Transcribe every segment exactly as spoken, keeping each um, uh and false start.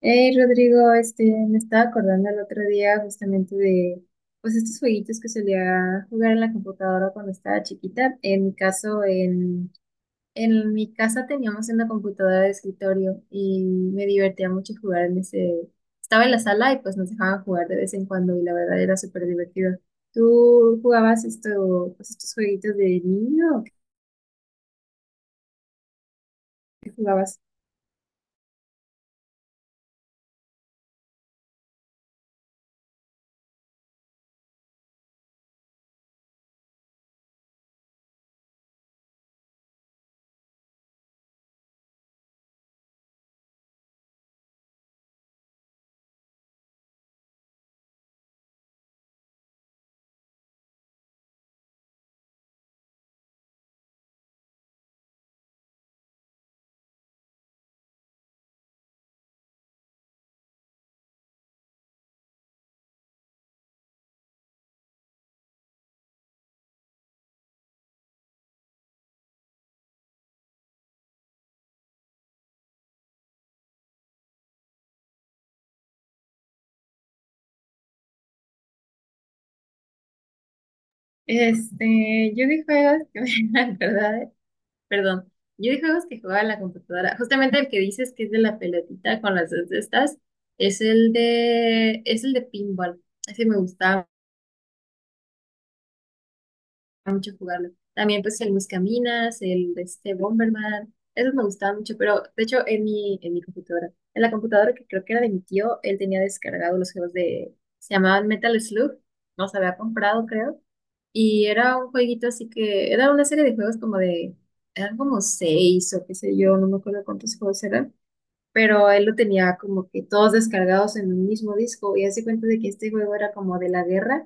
Hey Rodrigo, este, me estaba acordando el otro día justamente de pues estos jueguitos que solía jugar en la computadora cuando estaba chiquita. En mi caso, en, en mi casa teníamos una computadora de escritorio y me divertía mucho jugar en ese. Estaba en la sala y pues nos dejaban jugar de vez en cuando y la verdad era súper divertido. ¿Tú jugabas esto, pues estos jueguitos de niño o qué jugabas? Este, yo de juegos que me acuerdo. Perdón, yo de juegos que jugaba en la computadora, justamente el que dices que es de la pelotita con las dos de estas, es el de, es el de pinball, ese me gustaba mucho jugarlo. También pues el Buscaminas, el de este Bomberman, esos me gustaban mucho, pero de hecho en mi, en mi computadora, en la computadora que creo que era de mi tío, él tenía descargado los juegos de, se llamaban Metal Slug, los había comprado creo. Y era un jueguito así que, era una serie de juegos como de, eran como seis o qué sé yo, no me acuerdo cuántos juegos eran, pero él lo tenía como que todos descargados en un mismo disco y hace cuenta de que este juego era como de la guerra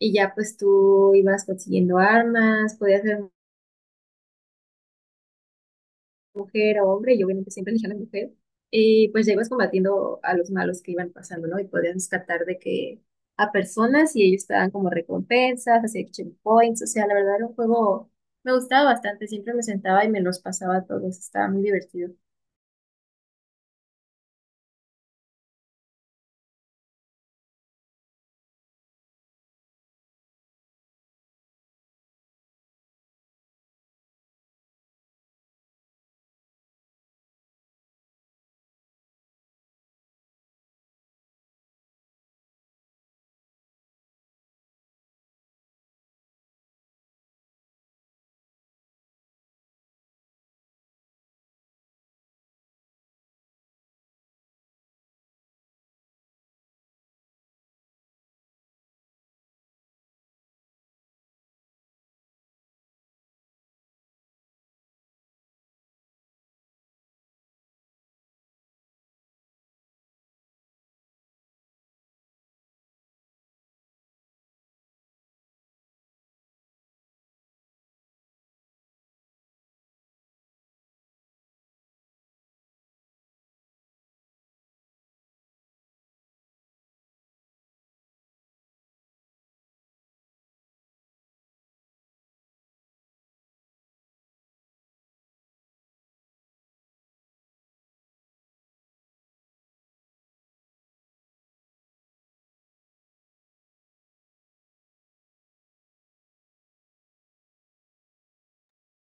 y ya pues tú ibas consiguiendo armas, podías mujer a hombre y obviamente siempre elegían a la mujer. Y pues ya ibas combatiendo a los malos que iban pasando, ¿no? Y podías rescatar de que a personas y ellos te dan como recompensas, hacía action points, o sea, la verdad era un juego, me gustaba bastante, siempre me sentaba y me los pasaba a todos, estaba muy divertido.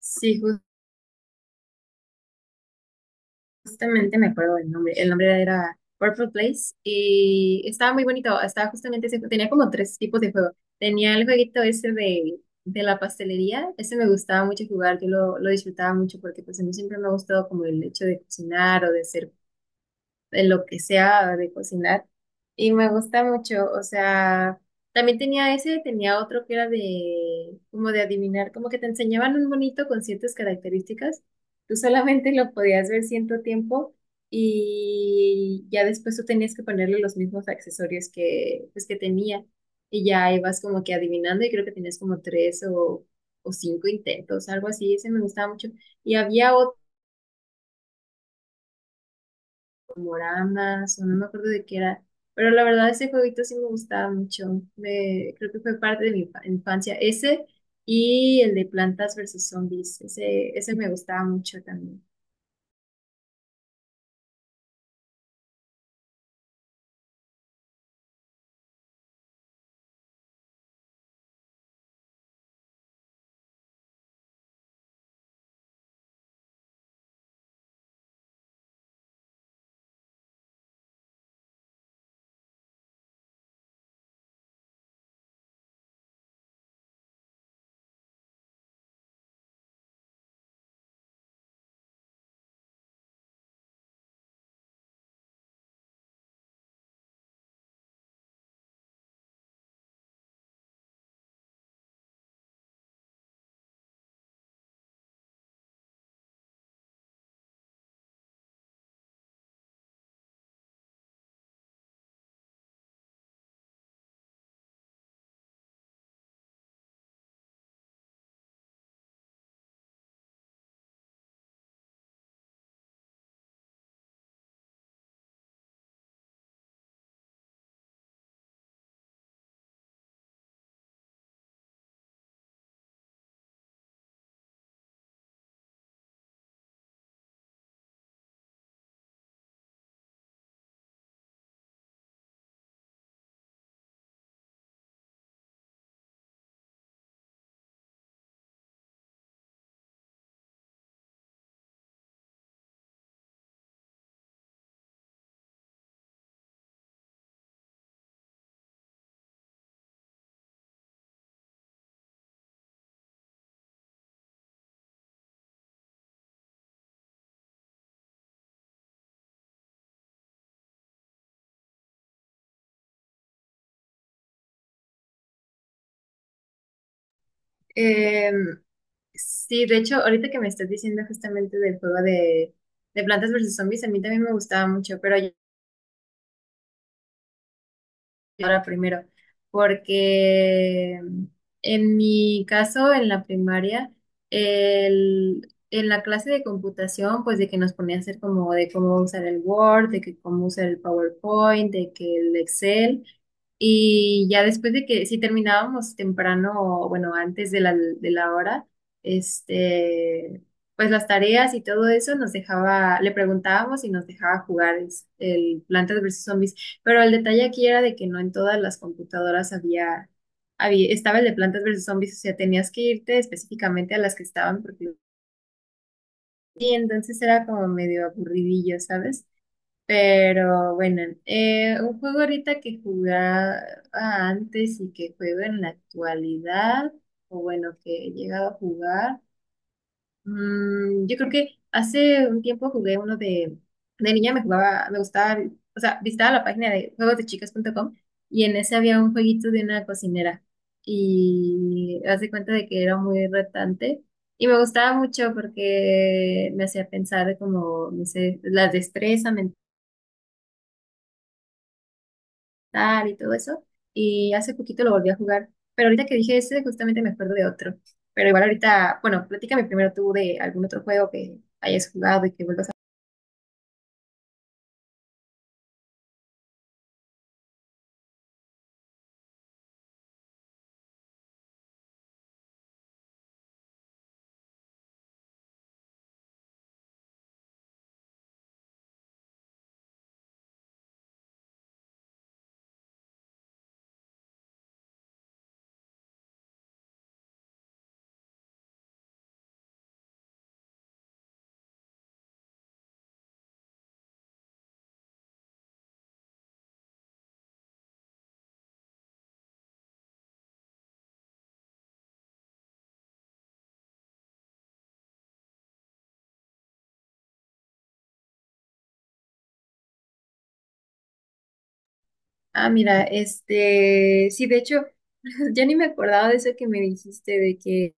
Sí, justamente me acuerdo del nombre. El nombre era Purple Place y estaba muy bonito. Estaba justamente ese, tenía como tres tipos de juego. Tenía el jueguito ese de, de la pastelería. Ese me gustaba mucho jugar. Yo lo, lo disfrutaba mucho porque pues a mí siempre me ha gustado como el hecho de cocinar o de hacer en lo que sea de cocinar. Y me gusta mucho, o sea, también tenía ese, tenía otro que era de, como de adivinar, como que te enseñaban un bonito con ciertas características. Tú solamente lo podías ver cierto tiempo y ya después tú tenías que ponerle los mismos accesorios que, pues, que tenía. Y ya ibas como que adivinando y creo que tenías como tres o, o cinco intentos, algo así. Ese me gustaba mucho. Y había programas, o no me acuerdo de qué era. Pero la verdad, ese jueguito sí me gustaba mucho. Me, creo que fue parte de mi infa- infancia. Ese y el de Plantas versus Zombies. Ese, ese me gustaba mucho también. Em, sí, de hecho, ahorita que me estás diciendo justamente del juego de, de Plantas versus Zombies, a mí también me gustaba mucho, pero ahora primero, porque mm, en mi caso, en la primaria, el, en la clase de computación, pues de que nos ponía a hacer como de cómo usar el Word, de que cómo usar el PowerPoint, de que el Excel, y ya después de que si terminábamos temprano, o bueno, antes de la, de la hora, este, pues las tareas y todo eso nos dejaba, le preguntábamos y nos dejaba jugar es- el Plantas versus. Zombies, pero el detalle aquí era de que no en todas las computadoras había, había estaba el de Plantas versus Zombies, o sea, tenías que irte específicamente a las que estaban porque, y entonces era como medio aburridillo, ¿sabes? Pero bueno, eh, un juego ahorita que jugaba antes y que juego en la actualidad, o bueno, que he llegado a jugar. Mm, yo creo que hace un tiempo jugué uno de, de niña, me jugaba, me gustaba, o sea, visitaba la página de juegos de chicas punto com y en ese había un jueguito de una cocinera y hace cuenta de que era muy retante y me gustaba mucho porque me hacía pensar de como, no sé, la destreza mental y todo eso, y hace poquito lo volví a jugar, pero ahorita que dije ese justamente me acuerdo de otro, pero igual ahorita, bueno, platícame primero tú de algún otro juego que hayas jugado y que vuelvas. Ah, mira, este, sí, de hecho, ya ni me acordaba de eso que me dijiste, de que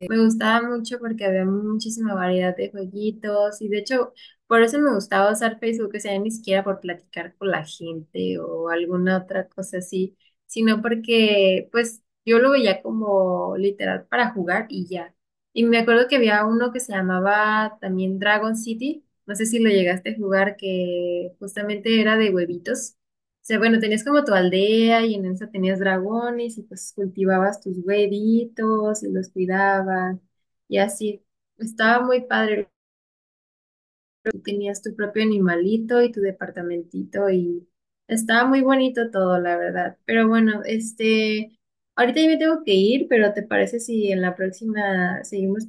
me gustaba mucho porque había muchísima variedad de jueguitos y de hecho, por eso me gustaba usar Facebook, o sea, ni siquiera por platicar con la gente o alguna otra cosa así, sino porque, pues, yo lo veía como literal para jugar y ya. Y me acuerdo que había uno que se llamaba también Dragon City, no sé si lo llegaste a jugar, que justamente era de huevitos. O sea, bueno, tenías como tu aldea y en esa tenías dragones y pues cultivabas tus huevitos y los cuidabas y así. Estaba muy padre. Tú tenías tu propio animalito y tu departamentito y estaba muy bonito todo, la verdad. Pero bueno, este, ahorita yo me tengo que ir, pero ¿te parece si en la próxima seguimos?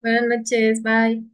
Buenas noches, bye.